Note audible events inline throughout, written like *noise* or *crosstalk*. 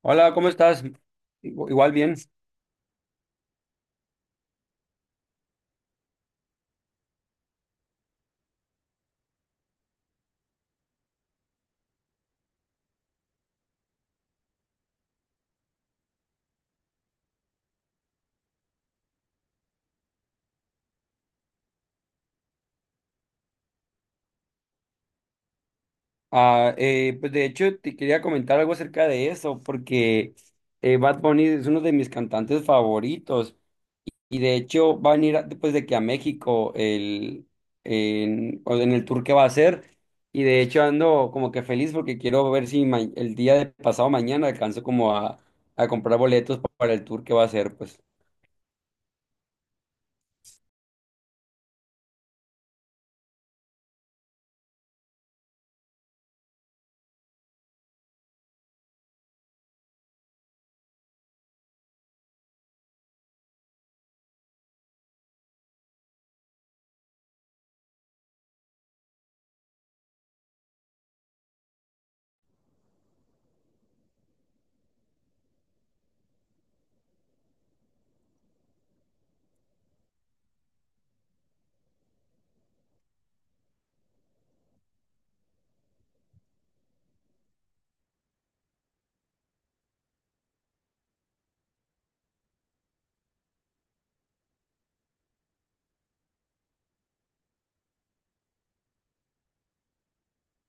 Hola, ¿cómo estás? Igual bien. Pues de hecho te quería comentar algo acerca de eso, porque Bad Bunny es uno de mis cantantes favoritos y de hecho va a venir después de que a México el, en, o en el tour que va a hacer. Y de hecho ando como que feliz porque quiero ver si el día de pasado mañana alcanzo a comprar boletos para el tour que va a hacer, pues.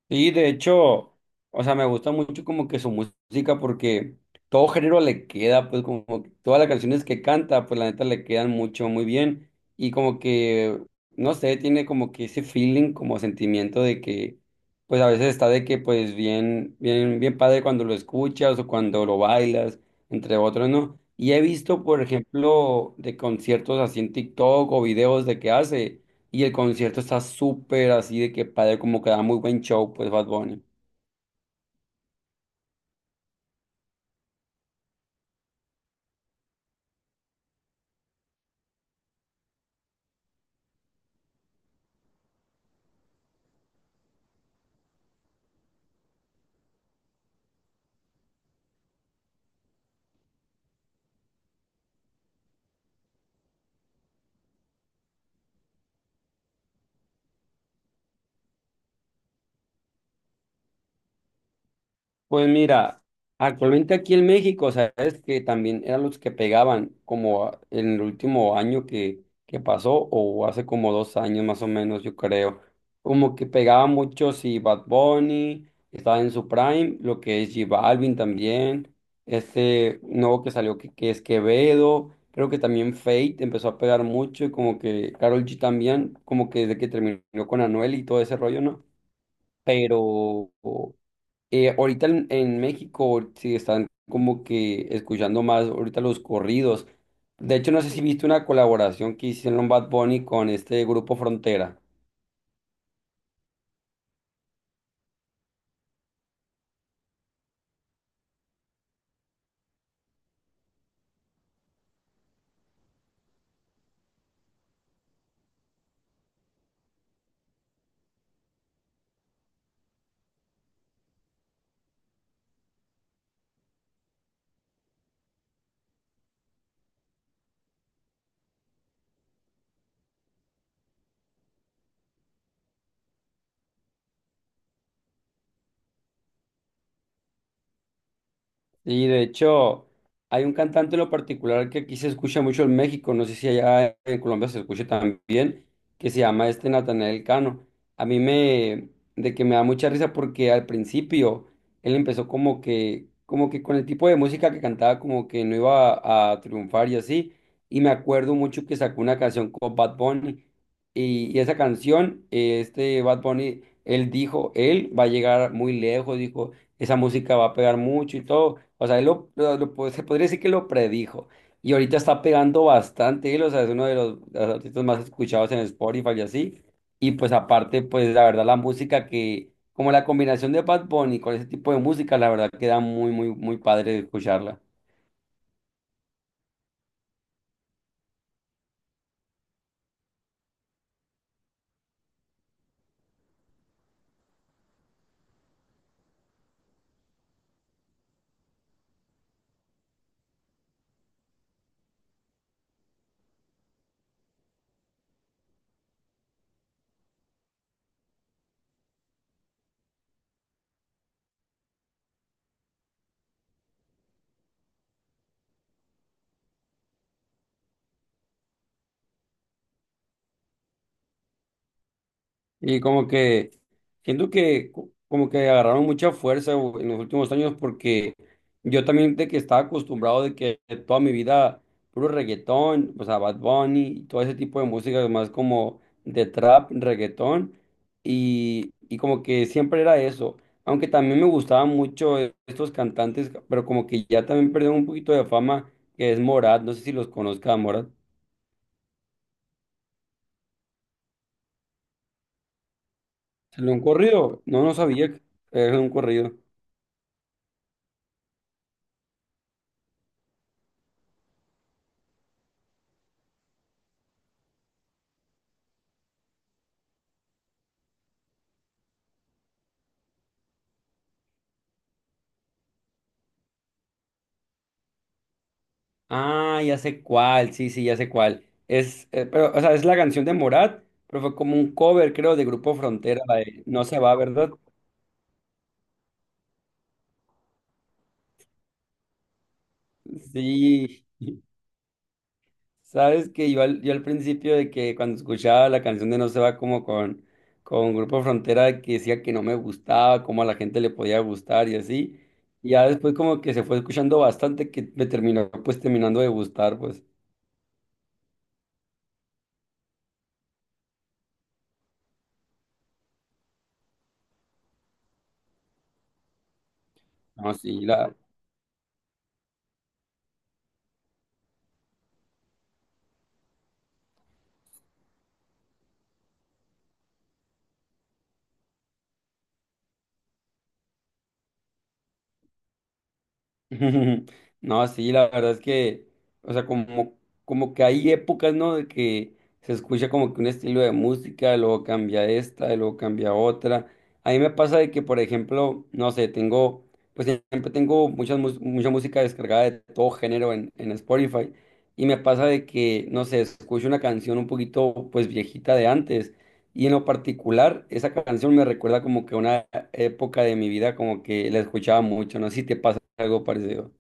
Sí, de hecho, o sea, me gusta mucho como que su música porque todo género le queda, pues como que todas las canciones que canta, pues la neta le quedan mucho, muy bien. Y como que, no sé, tiene como que ese feeling, como sentimiento de que, pues a veces está de que, pues bien, bien, bien padre cuando lo escuchas o cuando lo bailas, entre otros, ¿no? Y he visto, por ejemplo, de conciertos así en TikTok o videos de que hace. Y el concierto está súper así de que padre, como que da muy buen show, pues Bad Bunny. Pues mira, actualmente aquí en México, sabes que también eran los que pegaban como en el último año que pasó o hace como dos años más o menos, yo creo. Como que pegaba mucho si Bad Bunny estaba en su prime, lo que es J Balvin también, este nuevo que salió que es Quevedo, creo que también Fate empezó a pegar mucho y como que Karol G también, como que desde que terminó con Anuel y todo ese rollo, ¿no? Pero en México sí están como que escuchando más ahorita los corridos. De hecho, no sé si viste una colaboración que hicieron Bad Bunny con este grupo Frontera. Y de hecho, hay un cantante en lo particular que aquí se escucha mucho en México, no sé si allá en Colombia se escucha también, que se llama este Natanael Cano. A mí me, de que me da mucha risa porque al principio él empezó como que con el tipo de música que cantaba como que no iba a triunfar y así. Y me acuerdo mucho que sacó una canción con Bad Bunny y esa canción, este Bad Bunny, él dijo, él va a llegar muy lejos, dijo esa música va a pegar mucho y todo. O sea, él se podría decir que lo predijo. Y ahorita está pegando bastante él, o sea, es uno de de los artistas más escuchados en Spotify y así. Y pues aparte, pues la verdad, la música que, como la combinación de Bad Bunny con ese tipo de música, la verdad queda muy, muy, muy padre escucharla. Y como que siento que como que agarraron mucha fuerza en los últimos años porque yo también de que estaba acostumbrado de que toda mi vida puro reggaetón, o sea, Bad Bunny y todo ese tipo de música más como de trap, reggaetón y como que siempre era eso. Aunque también me gustaban mucho estos cantantes, pero como que ya también perdieron un poquito de fama, que es Morat, no sé si los conozca a Morat. ¿Se un corrido? No, no sabía que era un corrido. Ah, ya sé cuál, sí, sí, ya sé cuál. Es, pero, o sea, es la canción de Morat, pero fue como un cover, creo, de Grupo Frontera, la de No se va, ¿verdad? Sí. *laughs* Sabes que yo al principio de que cuando escuchaba la canción de No se va con Grupo Frontera, que decía que no me gustaba, cómo a la gente le podía gustar y así. Y ya después como que se fue escuchando bastante que me terminó pues terminando de gustar, pues. No, sí, la, *laughs* No, sí, la verdad es que, o sea, como, como que hay épocas, ¿no? De que se escucha como que un estilo de música, luego cambia esta, y luego cambia otra. A mí me pasa de que, por ejemplo, no sé, pues siempre tengo mucha música descargada de todo género en Spotify, y me pasa de que, no sé, escucho una canción un poquito, pues viejita de antes, y en lo particular, esa canción me recuerda como que una época de mi vida, como que la escuchaba mucho, no sé si te pasa algo parecido.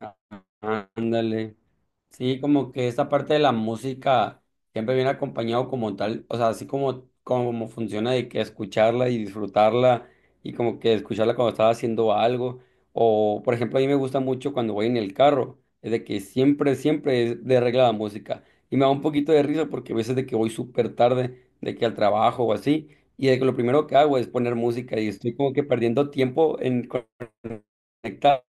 Ah, ándale. Sí, como que esta parte de la música siempre viene acompañado como tal, o sea, así como, como funciona de que escucharla y disfrutarla y como que escucharla cuando estaba haciendo algo. O, por ejemplo, a mí me gusta mucho cuando voy en el carro, es de que siempre, siempre es de regla la música. Y me da un poquito de risa porque a veces de que voy súper tarde, de que al trabajo o así, y de que lo primero que hago es poner música y estoy como que perdiendo tiempo en conectar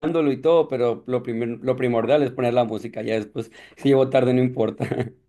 dándolo y todo, pero lo primordial es poner la música, ya después, si llevo tarde, no importa. *laughs*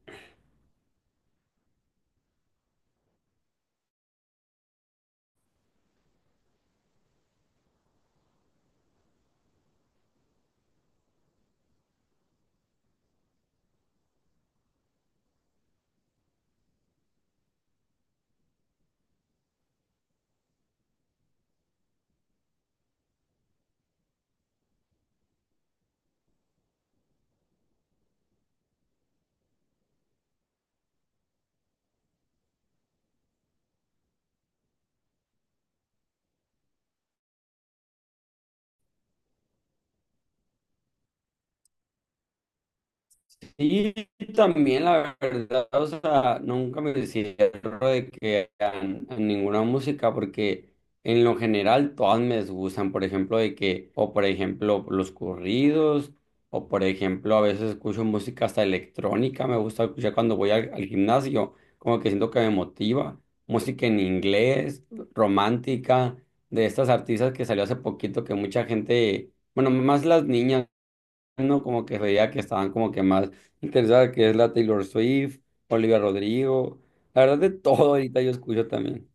Sí, también la verdad, o sea, nunca me cierro de que a ninguna música, porque en lo general todas me gustan, por ejemplo, de que, o por ejemplo, los corridos, o por ejemplo, a veces escucho música hasta electrónica, me gusta escuchar cuando voy al gimnasio, como que siento que me motiva, música en inglés, romántica, de estas artistas que salió hace poquito que mucha gente, bueno, más las niñas no, como que veía que estaban como que más interesadas, que es la Taylor Swift, Olivia Rodrigo, la verdad de todo ahorita yo escucho también.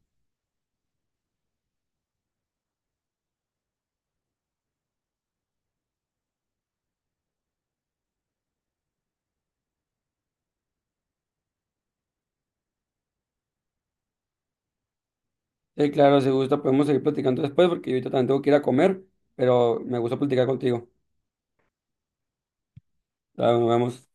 Sí, claro, si gusta podemos seguir platicando después porque yo ahorita también tengo que ir a comer, pero me gusta platicar contigo. Claro, nos vemos.